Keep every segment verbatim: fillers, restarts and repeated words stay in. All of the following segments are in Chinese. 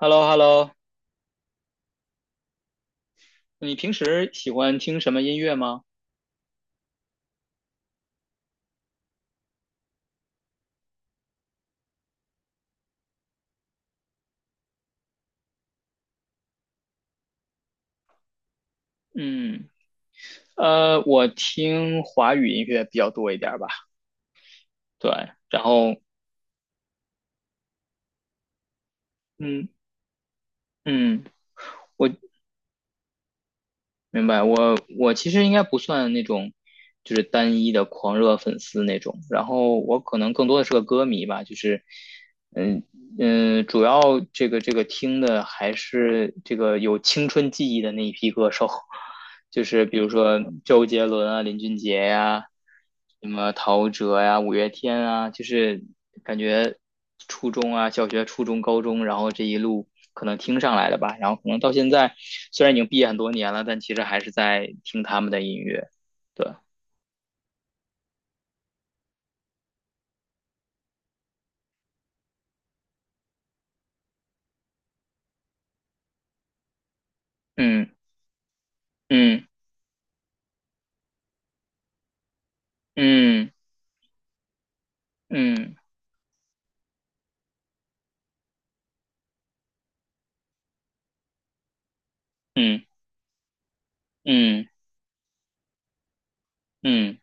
h e l l o h e l l o。 你平时喜欢听什么音乐吗？嗯，呃，我听华语音乐比较多一点儿吧。对，然后，嗯嗯，明白。我我其实应该不算那种就是单一的狂热粉丝那种，然后我可能更多的是个歌迷吧，就是嗯嗯，主要这个这个听的还是这个有青春记忆的那一批歌手，就是比如说周杰伦啊、林俊杰呀、什么陶喆呀、五月天啊，就是感觉初中啊、小学、初中、高中，然后这一路。可能听上来的吧。然后可能到现在，虽然已经毕业很多年了，但其实还是在听他们的音乐。对，嗯嗯嗯嗯嗯嗯嗯。嗯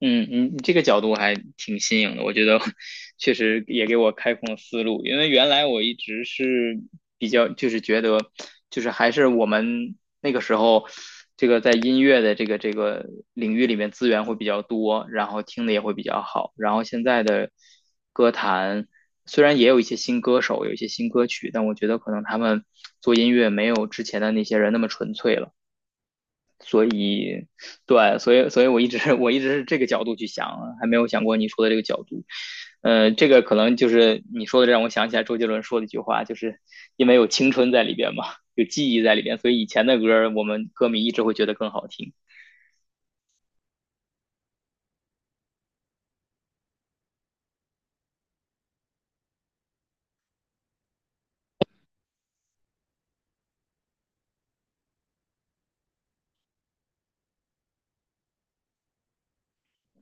嗯嗯，你你这个角度还挺新颖的，我觉得 确实也给我开阔了思路。因为原来我一直是比较，就是觉得，就是还是我们那个时候，这个在音乐的这个这个领域里面资源会比较多，然后听的也会比较好。然后现在的歌坛虽然也有一些新歌手，有一些新歌曲，但我觉得可能他们做音乐没有之前的那些人那么纯粹了。对，所以所以我一直我一直是这个角度去想，还没有想过你说的这个角度。呃，这个可能就是你说的，让我想起来周杰伦说的一句话，就是因为有青春在里边嘛，有记忆在里边，所以以前的歌我们歌迷一直会觉得更好听。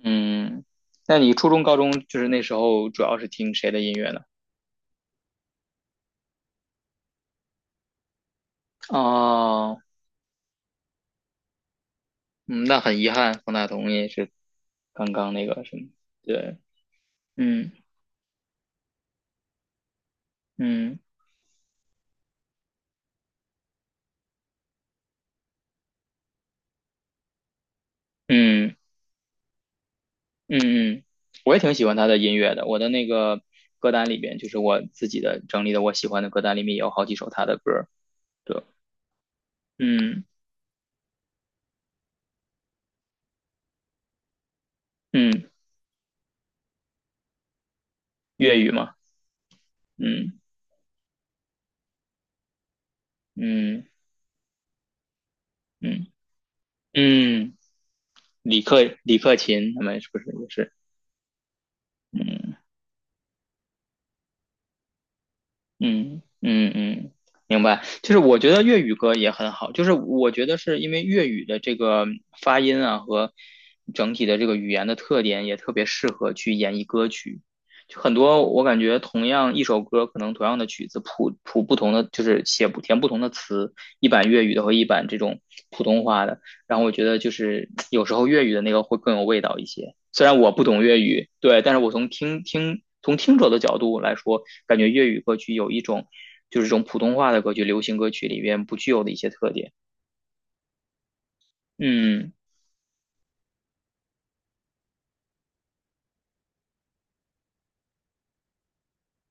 嗯，那你初中、高中就是那时候主要是听谁的音乐呢？哦，嗯，那很遗憾，方大同也是刚刚那个什么，对，嗯嗯嗯。嗯嗯，我也挺喜欢他的音乐的。我的那个歌单里边，就是我自己的整理的我喜欢的歌单里面也有好几首他的歌儿。对，嗯嗯，粤语嘛，嗯嗯嗯嗯，李克李克勤他们是不是也是？嗯。嗯嗯嗯，明白。就是我觉得粤语歌也很好，就是我觉得是因为粤语的这个发音啊和整体的这个语言的特点，也特别适合去演绎歌曲。就很多我感觉同样一首歌，可能同样的曲子谱谱不同的，就是写不填不同的词，一版粤语的和一版这种普通话的。然后我觉得就是有时候粤语的那个会更有味道一些。虽然我不懂粤语，对，但是我从听听从听者的角度来说，感觉粤语歌曲有一种就是这种普通话的歌曲、流行歌曲里边不具有的一些特点。嗯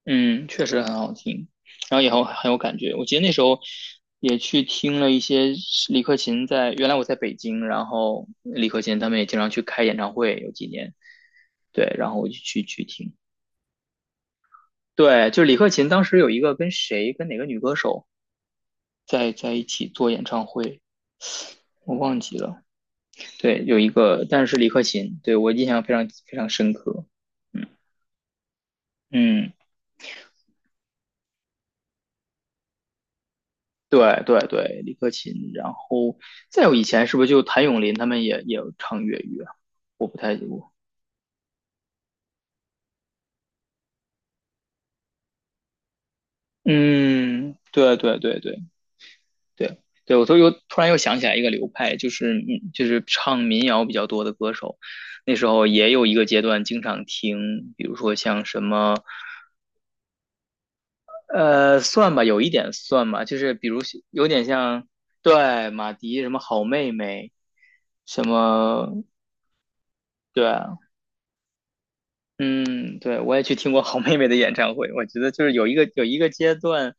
嗯，确实很好听，然后也很很有感觉。我记得那时候也去听了一些李克勤在，原来我在北京，然后李克勤他们也经常去开演唱会，有几年，对，然后我就去去听。对，就是李克勤当时有一个跟谁跟哪个女歌手在在一起做演唱会，我忘记了。对，有一个，但是李克勤，对我印象非常非常深刻。嗯嗯，对对对，李克勤。然后再有以前是不是就谭咏麟他们也也唱粤语啊？嗯，对对对对对对，我都又突然又想起来一个流派，就是嗯就是唱民谣比较多的歌手。那时候也有一个阶段经常听，比如说像什么呃，算吧，有一点算吧，就是比如有点像，对，马迪什么好妹妹，什么，对啊，嗯，对，我也去听过好妹妹的演唱会，我觉得就是有一个有一个阶段，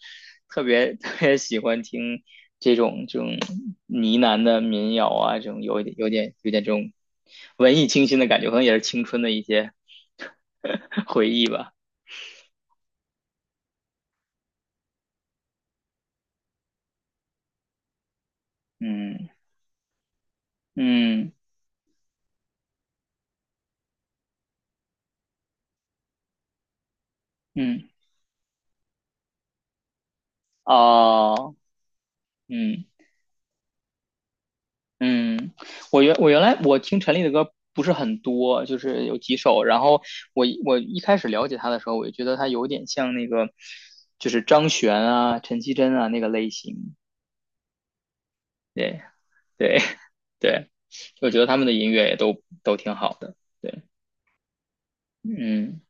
特别 特别喜欢听这种这种呢喃的民谣啊，这种有一点有点有点这种文艺清新的感觉，可能也是青春的一些 回忆吧，嗯嗯嗯，哦，嗯。嗯，我原我原来我听陈粒的歌不是很多，就是有几首。然后我我一开始了解他的时候，我就觉得他有点像那个，就是张悬啊、陈绮贞啊那个类型。对对 对，我觉得他们的音乐也都都挺好的。对，嗯，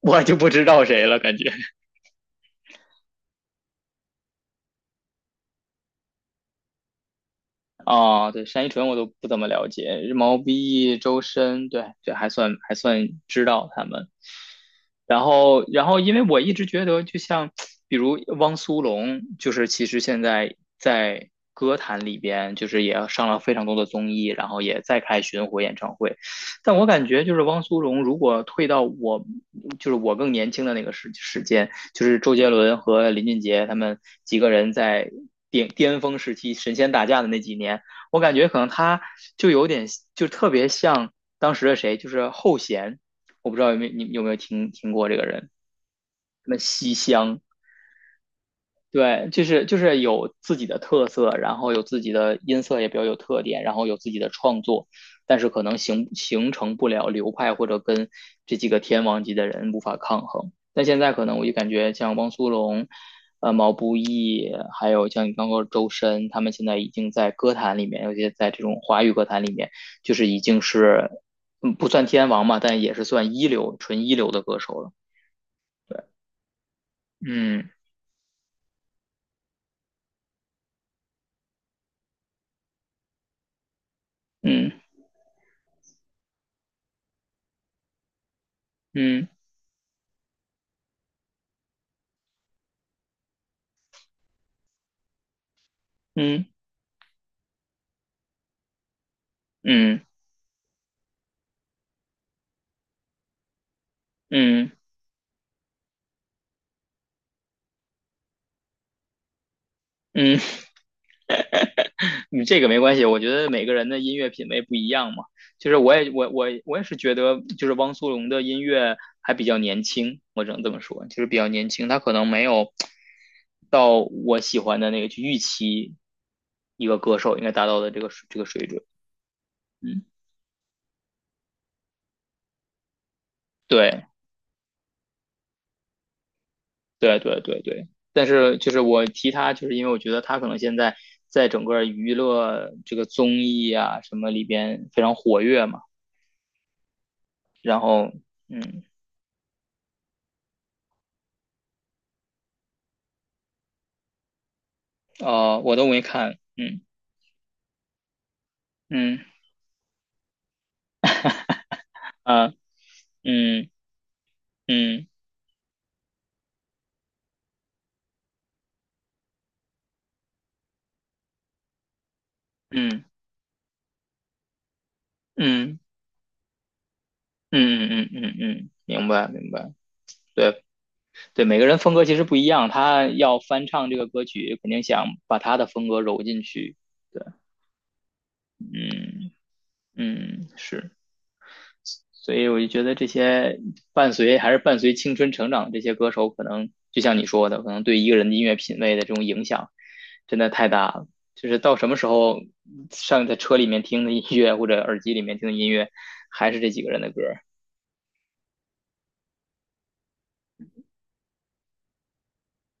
我就不知道谁了，感觉。哦，对，单依纯我都不怎么了解，毛不易、周深，对，这还算还算知道他们。然后，然后，因为我一直觉得，就像比如汪苏泷，就是其实现在在歌坛里边，就是也上了非常多的综艺，然后也在开巡回演唱会。但我感觉，就是汪苏泷如果退到我，就是我更年轻的那个时时间，就是周杰伦和林俊杰他们几个人在巅巅峰时期神仙打架的那几年，我感觉可能他就有点，就特别像当时的谁，就是后弦。我不知道有没有你有没有听听过这个人，什么西厢，对，就是就是有自己的特色，然后有自己的音色也比较有特点，然后有自己的创作，但是可能形形成不了流派或者跟这几个天王级的人无法抗衡。但现在可能我就感觉像汪苏泷。呃，毛不易，还有像你刚刚说周深，他们现在已经在歌坛里面，尤其在这种华语歌坛里面，就是已经是，嗯，不算天王嘛，但也是算一流、纯一流的歌手了。嗯嗯嗯嗯嗯嗯嗯，嗯 你这个没关系，我觉得每个人的音乐品味不一样嘛。就是我也我我我也是觉得，就是汪苏泷的音乐还比较年轻，我只能这么说，就是比较年轻，他可能没有到我喜欢的那个去预期一个歌手应该达到的这个水这个水准。嗯，对。对对对对，但是就是我提他，就是因为我觉得他可能现在在整个娱乐这个综艺啊什么里边非常活跃嘛，然后嗯哦、我都没看，嗯嗯啊嗯嗯嗯嗯嗯嗯嗯嗯嗯，明白明白，对对，每个人风格其实不一样，他要翻唱这个歌曲，肯定想把他的风格揉进去，对，嗯嗯是。所以我就觉得这些伴随还是伴随青春成长的这些歌手，可能就像你说的，可能对一个人的音乐品味的这种影响真的太大了。就是到什么时候上在车里面听的音乐，或者耳机里面听的音乐，还是这几个人的歌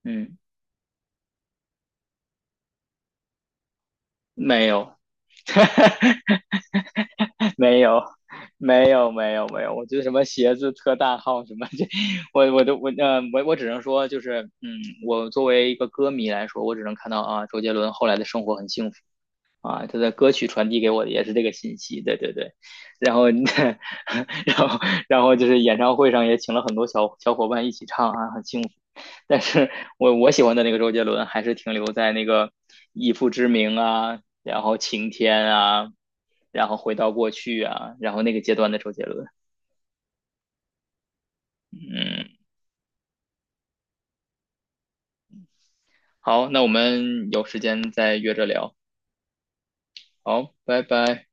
嗯，没有，没有，没有，没有，没有。我觉得什么鞋子特大号什么这，我我都我呃我我只能说就是嗯，我作为一个歌迷来说，我只能看到啊，周杰伦后来的生活很幸福。啊，他的歌曲传递给我的也是这个信息，对对对。然后，然后，然后就是演唱会上也请了很多小小伙伴一起唱啊，很幸福。但是我我喜欢的那个周杰伦还是停留在那个以父之名啊，然后晴天啊，然后回到过去啊，然后那个阶段的周杰伦。嗯，好，那我们有时间再约着聊。好，拜拜。